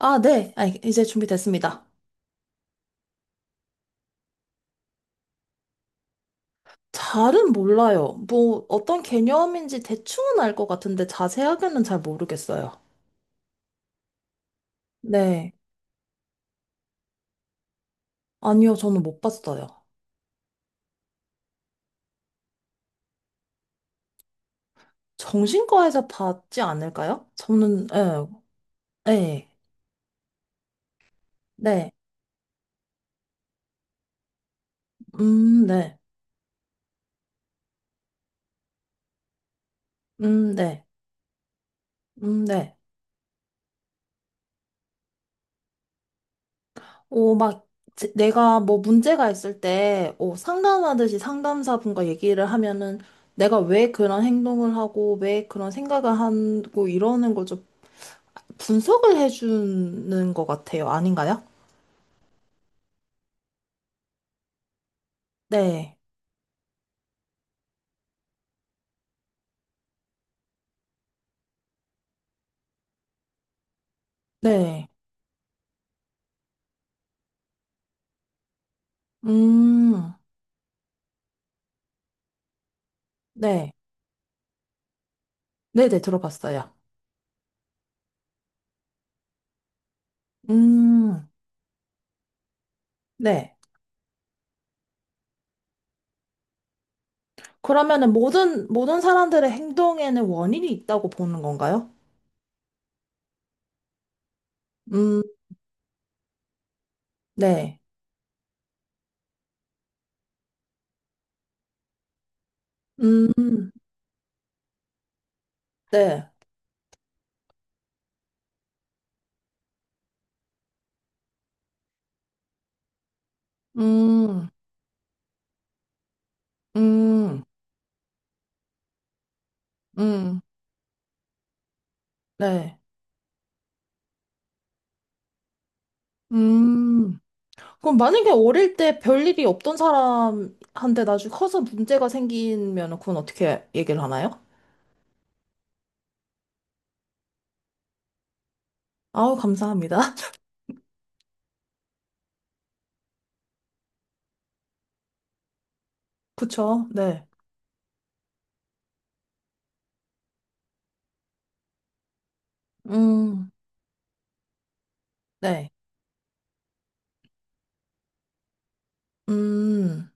아, 네. 아, 이제 준비됐습니다. 잘은 몰라요. 뭐, 어떤 개념인지 대충은 알 것 같은데 자세하게는 잘 모르겠어요. 네. 아니요, 저는 못 봤어요. 정신과에서 봤지 않을까요? 저는, 예, 예, 네. 네. 네. 네. 오, 막, 내가 뭐 문제가 있을 때, 오, 상담하듯이 상담사분과 얘기를 하면은 내가 왜 그런 행동을 하고, 왜 그런 생각을 하고, 이러는 거죠. 분석을 해주는 것 같아요. 아닌가요? 네. 네. 음, 네. 네네, 들어봤어요. 음, 네. 그러면은 모든 사람들의 행동에는 원인이 있다고 보는 건가요? 음, 네. 음, 네. 음, 음, 음, 네. 음. 그럼 만약에 어릴 때 별일이 없던 사람한테 나중에 커서 문제가 생기면 그건 어떻게 얘기를 하나요? 아우, 감사합니다. 그쵸? 네. 음, 네. 음,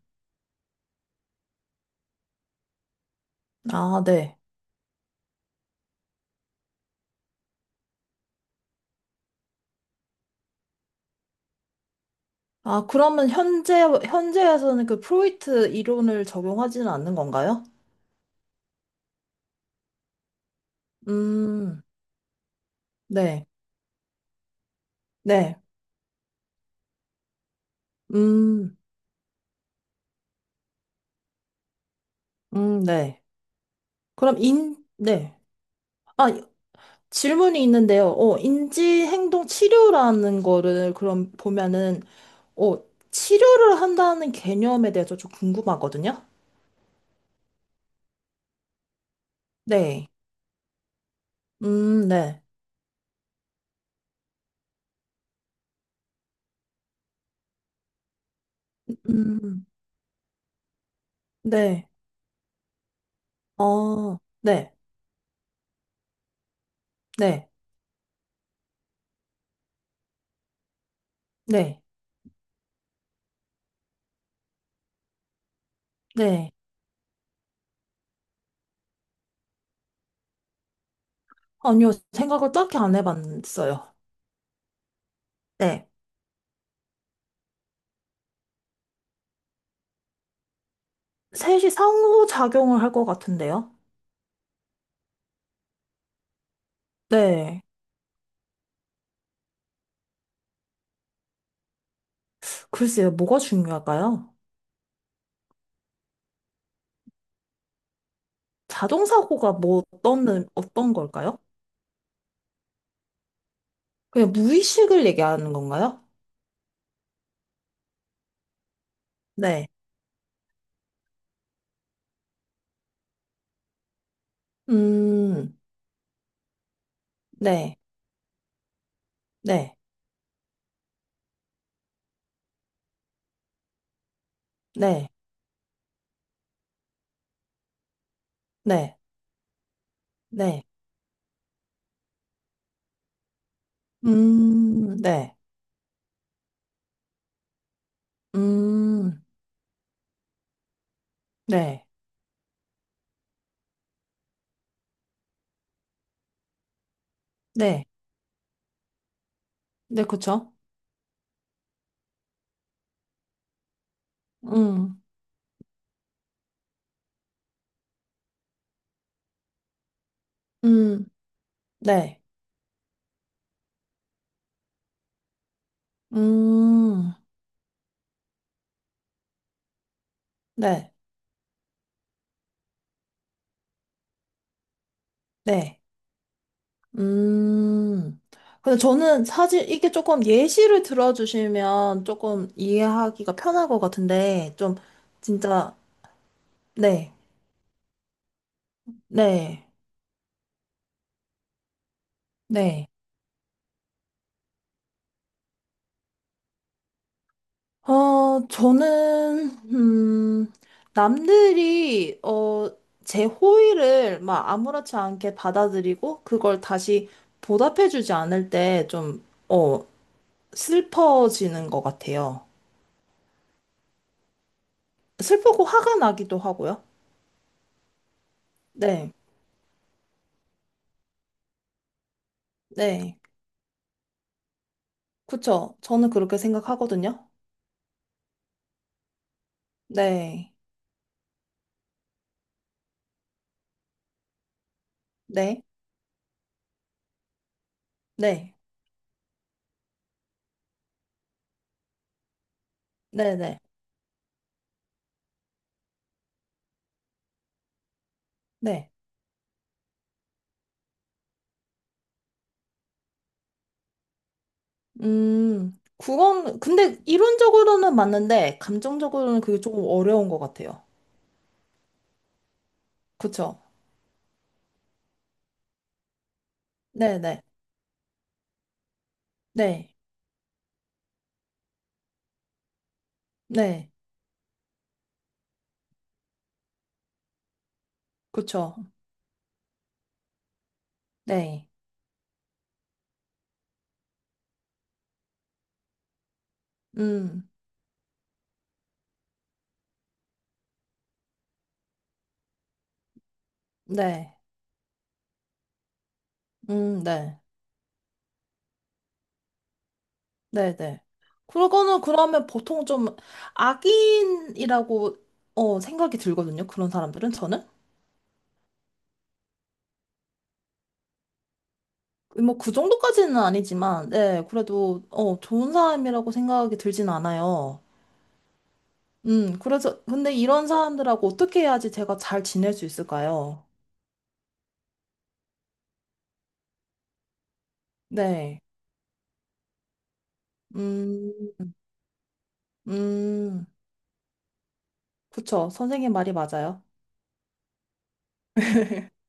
아, 네. 아, 그러면 현재에서는 그 프로이트 이론을 적용하지는 않는 건가요? 음, 네. 네. 음, 네. 네. 아, 질문이 있는데요. 인지행동 치료라는 거를 그럼 보면은, 어, 치료를 한다는 개념에 대해서 좀 궁금하거든요? 네. 네. 음, 네. 어, 네. 네. 네, 네. 아니요, 생각을 딱히 안 해봤어요. 네. 셋이 상호작용을 할 것 같은데요. 네. 글쎄요, 뭐가 중요할까요? 자동사고가 뭐 어떤 걸까요? 그냥 무의식을 얘기하는 건가요? 네. 음, 네, 네, 네, 네, 네. 네, 음, 네, 네, 네, 그쵸? 음, 음, 네, 음, 네. 네. 음. 근데 저는 사실 이게 조금 예시를 들어주시면 조금 이해하기가 편할 것 같은데, 좀, 진짜, 네, 네, 네. 저는, 남들이, 제 호의를 막 아무렇지 않게 받아들이고, 그걸 다시 보답해주지 않을 때 좀, 어, 슬퍼지는 것 같아요. 슬프고 화가 나기도 하고요. 네, 네. 그쵸? 저는 그렇게 생각하거든요. 네, 네, 네, 네, 네, 네. 근데 이론적으로는 맞는데, 감정적으로는 그게 조금 어려운 것 같아요. 그쵸? 네, 네, 네, 네, 그쵸? 네, 음, 네, 네, 네, 네. 그거는 그러면 보통 좀 악인이라고, 생각이 들거든요. 그런 사람들은 저는. 뭐 그 정도까지는 아니지만, 네, 그래도 좋은 사람이라고 생각이 들진 않아요. 그래서 근데 이런 사람들하고 어떻게 해야지 제가 잘 지낼 수 있을까요? 네, 음, 음, 그쵸. 선생님 말이 맞아요.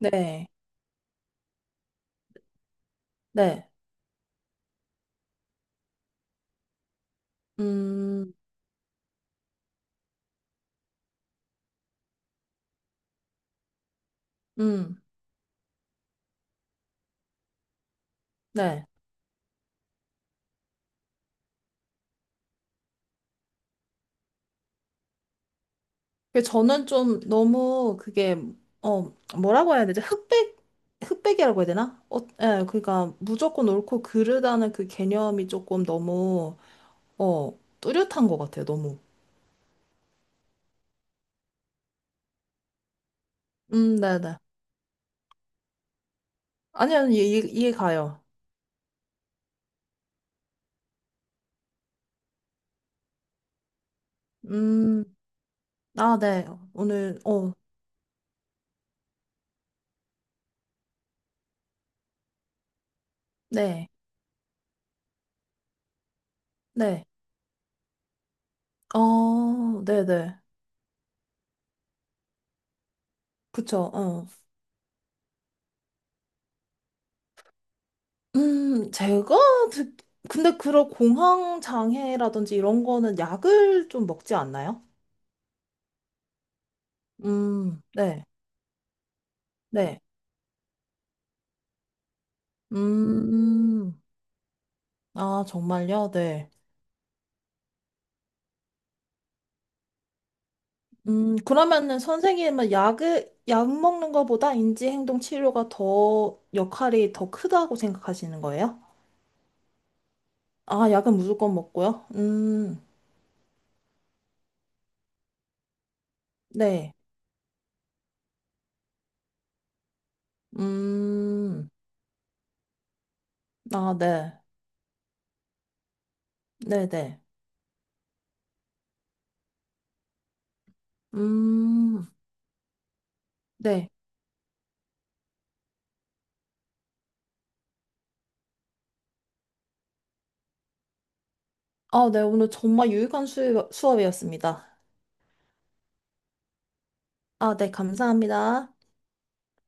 네, 네, 음, 음, 네. 그 저는 좀 너무 그게 어 뭐라고 해야 되지? 흑백이라고 해야 되나? 어, 예, 그러니까 무조건 옳고 그르다는 그 개념이 조금 너무 뚜렷한 것 같아요, 너무. 네네. 아니요, 이 이해 이해 가요. 음, 아, 네. 오늘, 어, 네, 네. 어, 네네. 그쵸, 어. 음, 제가, 듣- 근데 그런 공황 장애라든지 이런 거는 약을 좀 먹지 않나요? 네, 네. 음, 아, 정말요? 네. 그러면은 선생님은 약 먹는 것보다 인지행동 치료가 더 역할이 더 크다고 생각하시는 거예요? 아, 약은 무조건 먹고요? 네. 음, 아, 네. 네네. 음, 네. 아, 네. 오늘 정말 유익한 수업이었습니다. 아, 네. 감사합니다.